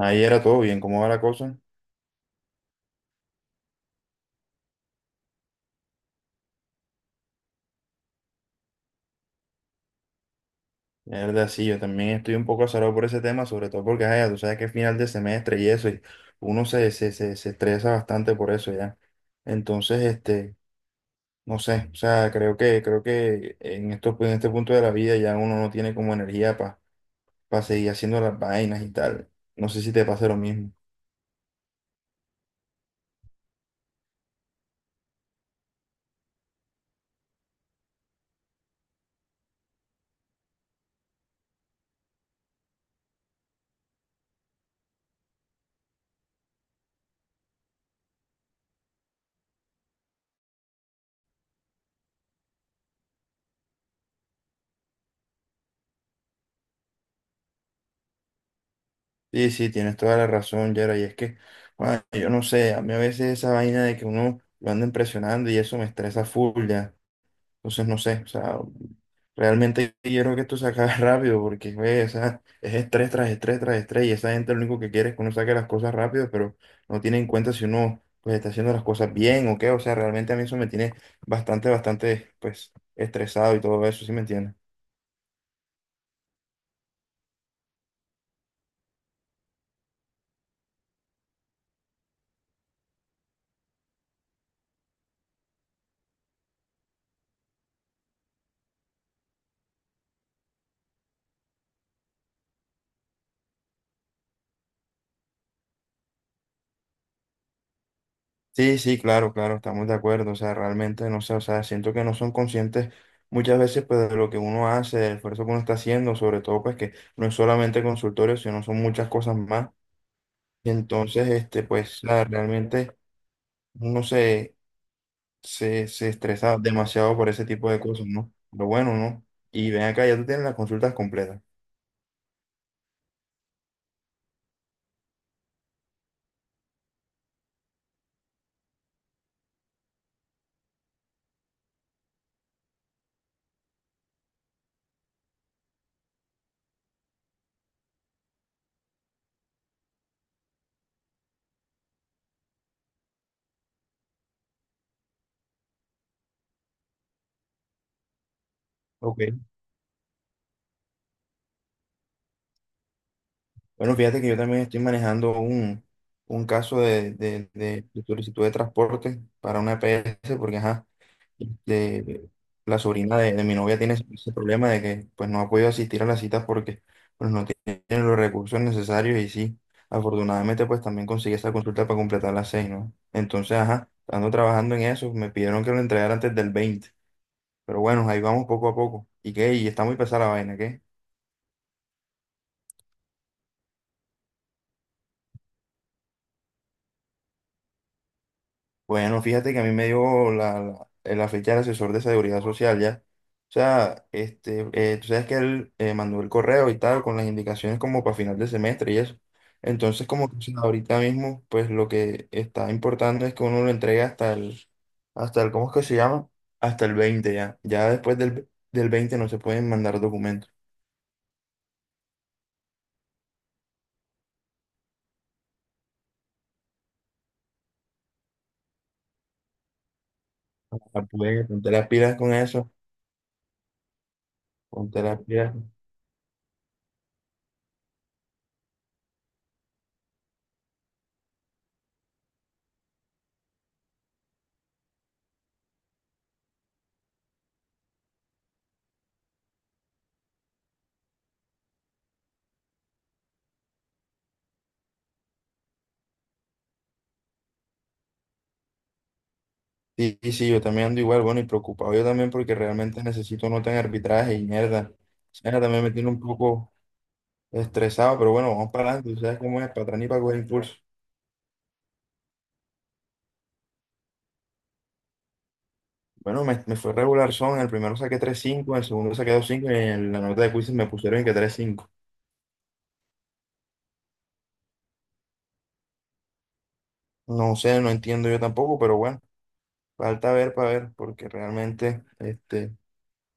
Ahí era todo bien, ¿cómo va la cosa? La verdad, sí, yo también estoy un poco azarado por ese tema, sobre todo porque, ay, tú sabes que es final de semestre y eso, y uno se estresa bastante por eso ya. Entonces, no sé, o sea, creo que en esto, en este punto de la vida ya uno no tiene como energía para seguir haciendo las vainas y tal. No sé si te pasa lo mismo. Sí, sí, tienes toda la razón, Yera, y es que, bueno, yo no sé, a mí a veces esa vaina de que uno lo anda impresionando y eso me estresa full ya. Entonces, no sé, o sea, realmente quiero que esto se acabe rápido porque, güey, o sea, es estrés tras estrés tras estrés y esa gente lo único que quiere es que uno saque las cosas rápido, pero no tiene en cuenta si uno, pues, está haciendo las cosas bien o qué, o sea, realmente a mí eso me tiene bastante, pues, estresado y todo eso, ¿sí me entiendes? Sí, sí, claro, estamos de acuerdo, o sea, realmente, no sé, o sea, siento que no son conscientes muchas veces, pues, de lo que uno hace, del esfuerzo que uno está haciendo, sobre todo, pues, que no es solamente consultorio, sino son muchas cosas más. Entonces, pues nada, realmente uno se estresa demasiado por ese tipo de cosas, ¿no? Lo bueno, ¿no? Y ven acá, ya tú tienes las consultas completas. Ok. Bueno, fíjate que yo también estoy manejando un caso de solicitud de transporte para una EPS porque, ajá, este, la sobrina de mi novia tiene ese problema de que pues no ha podido asistir a las citas porque pues no tiene los recursos necesarios y sí, afortunadamente pues también conseguí esa consulta para completar las seis, ¿no? Entonces, ajá, ando trabajando en eso, me pidieron que lo entregara antes del veinte, pero bueno, ahí vamos poco a poco. ¿Y qué? ¿Y está muy pesada la vaina, qué? Bueno, fíjate que a mí me dio la fecha del asesor de seguridad social ya. O sea, tú sabes que él mandó el correo y tal, con las indicaciones como para final de semestre y eso. Entonces, como que o sea, ahorita mismo, pues lo que está importando es que uno lo entregue hasta el, ¿cómo es que se llama? Hasta el 20 ya. Ya después del 20 no se pueden mandar documentos. Ah, pues, ponte las pilas con eso, ponte las pilas. Sí, sí, sí, yo también ando igual, bueno, y preocupado yo también porque realmente necesito nota en arbitraje y mierda. O sea, también me tiene un poco estresado, pero bueno, vamos para adelante, tú sabes cómo es, para atrás ni para coger impulso. Bueno, me fue regular son, en el primero saqué tres cinco, en el segundo saqué dos cinco y en la nota de quizzes me pusieron que tres cinco. No sé, no entiendo yo tampoco, pero bueno, falta ver para ver, porque realmente,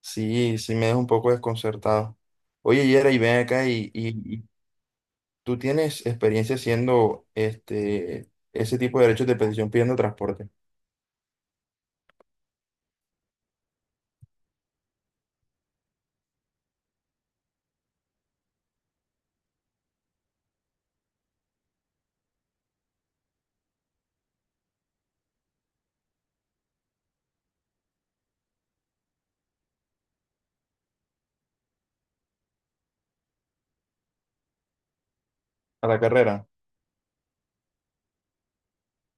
sí, sí me deja un poco desconcertado. Oye, Yera, y ven acá, ¿tú tienes experiencia haciendo ese tipo de derechos de petición pidiendo transporte a la carrera?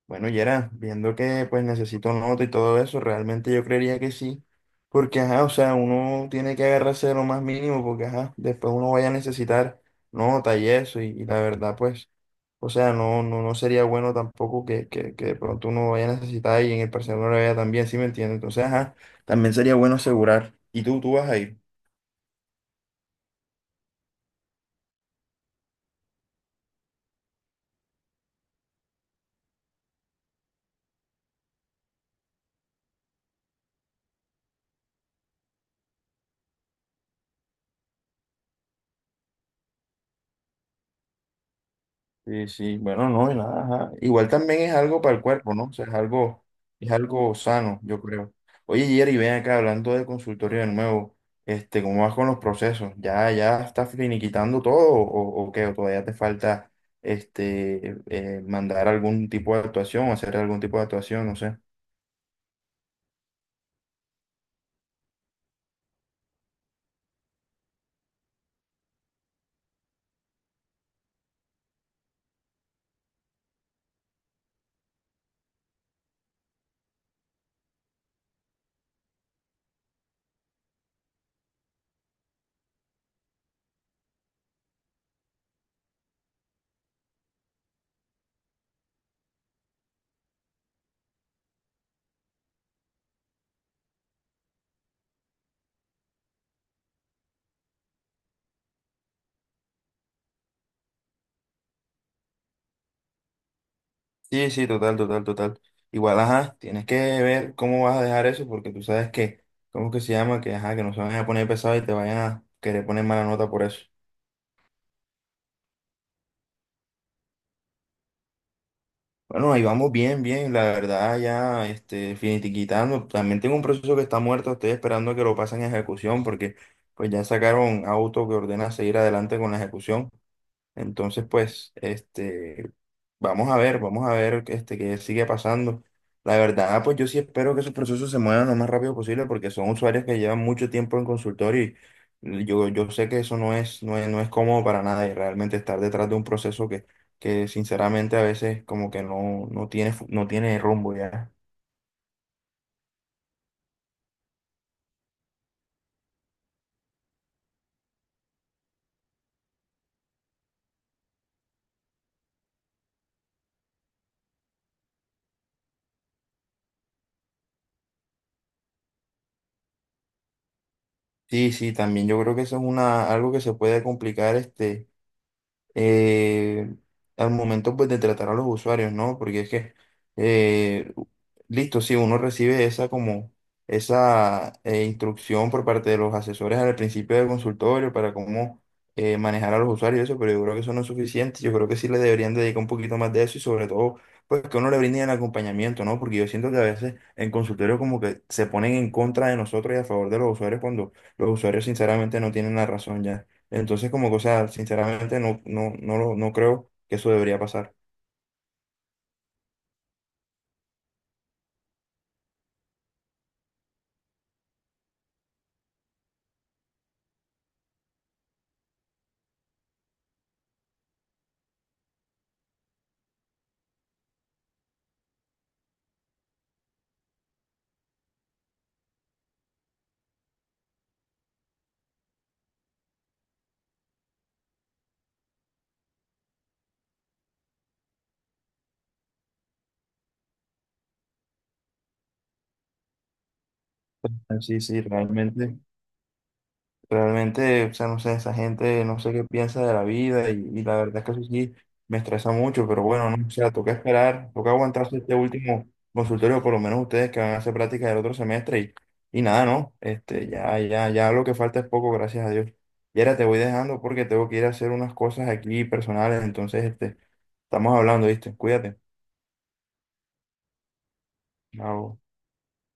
Bueno, y era viendo que pues necesito nota y todo eso, realmente yo creería que sí, porque ajá, o sea, uno tiene que agarrarse de lo más mínimo, porque ajá, después uno vaya a necesitar nota y eso, y la verdad pues, o sea, no sería bueno tampoco que de pronto uno vaya a necesitar y en el parcial no lo vea también, ¿sí me entiendes? Entonces, ajá, también sería bueno asegurar. ¿Y tú vas ahí? Sí, sí, bueno, no, y nada, ajá. Igual también es algo para el cuerpo, ¿no? O sea, es algo sano, yo creo. Oye, Jerry, ven acá hablando de consultorio de nuevo, ¿cómo vas con los procesos? Ya estás finiquitando todo o qué? ¿O todavía te falta mandar algún tipo de actuación, hacer algún tipo de actuación, no sé? Sí, sí, total, total, total. Igual, ajá, tienes que ver cómo vas a dejar eso, porque tú sabes que, ¿cómo que se llama? Que, ajá, que no se van a poner pesado y te vayan a querer poner mala nota por eso. Bueno, ahí vamos bien, bien, la verdad ya, finiquitando. También tengo un proceso que está muerto, estoy esperando a que lo pasen a ejecución porque pues ya sacaron auto que ordena seguir adelante con la ejecución. Entonces, pues, vamos a ver, qué sigue pasando. La verdad, pues yo sí espero que esos procesos se muevan lo más rápido posible porque son usuarios que llevan mucho tiempo en consultorio y yo sé que eso no es cómodo para nada y realmente estar detrás de un proceso que sinceramente a veces como que no tiene, no tiene rumbo ya. Sí, sí, también yo creo que eso es una, algo que se puede complicar, eh, al momento pues de tratar a los usuarios, ¿no? Porque es que, eh, listo, si uno recibe esa como esa instrucción por parte de los asesores al principio del consultorio para cómo manejar a los usuarios y eso, pero yo creo que eso no es suficiente, yo creo que sí le deberían dedicar un poquito más de eso y sobre todo pues que uno le brinde el acompañamiento, ¿no? Porque yo siento que a veces en consultorio como que se ponen en contra de nosotros y a favor de los usuarios cuando los usuarios sinceramente no tienen la razón ya. Entonces, como que, o sea, sinceramente no creo que eso debería pasar. Sí, sí, realmente, realmente, o sea, no sé, esa gente no sé qué piensa de la vida y la verdad es que eso sí me estresa mucho, pero bueno, no, o sea, toca esperar, toca aguantarse este último consultorio, por lo menos ustedes que van a hacer práctica del otro semestre y nada, ¿no? Ya, ya lo que falta es poco, gracias a Dios. Y ahora te voy dejando porque tengo que ir a hacer unas cosas aquí personales, entonces, estamos hablando, ¿viste? Cuídate. Chao.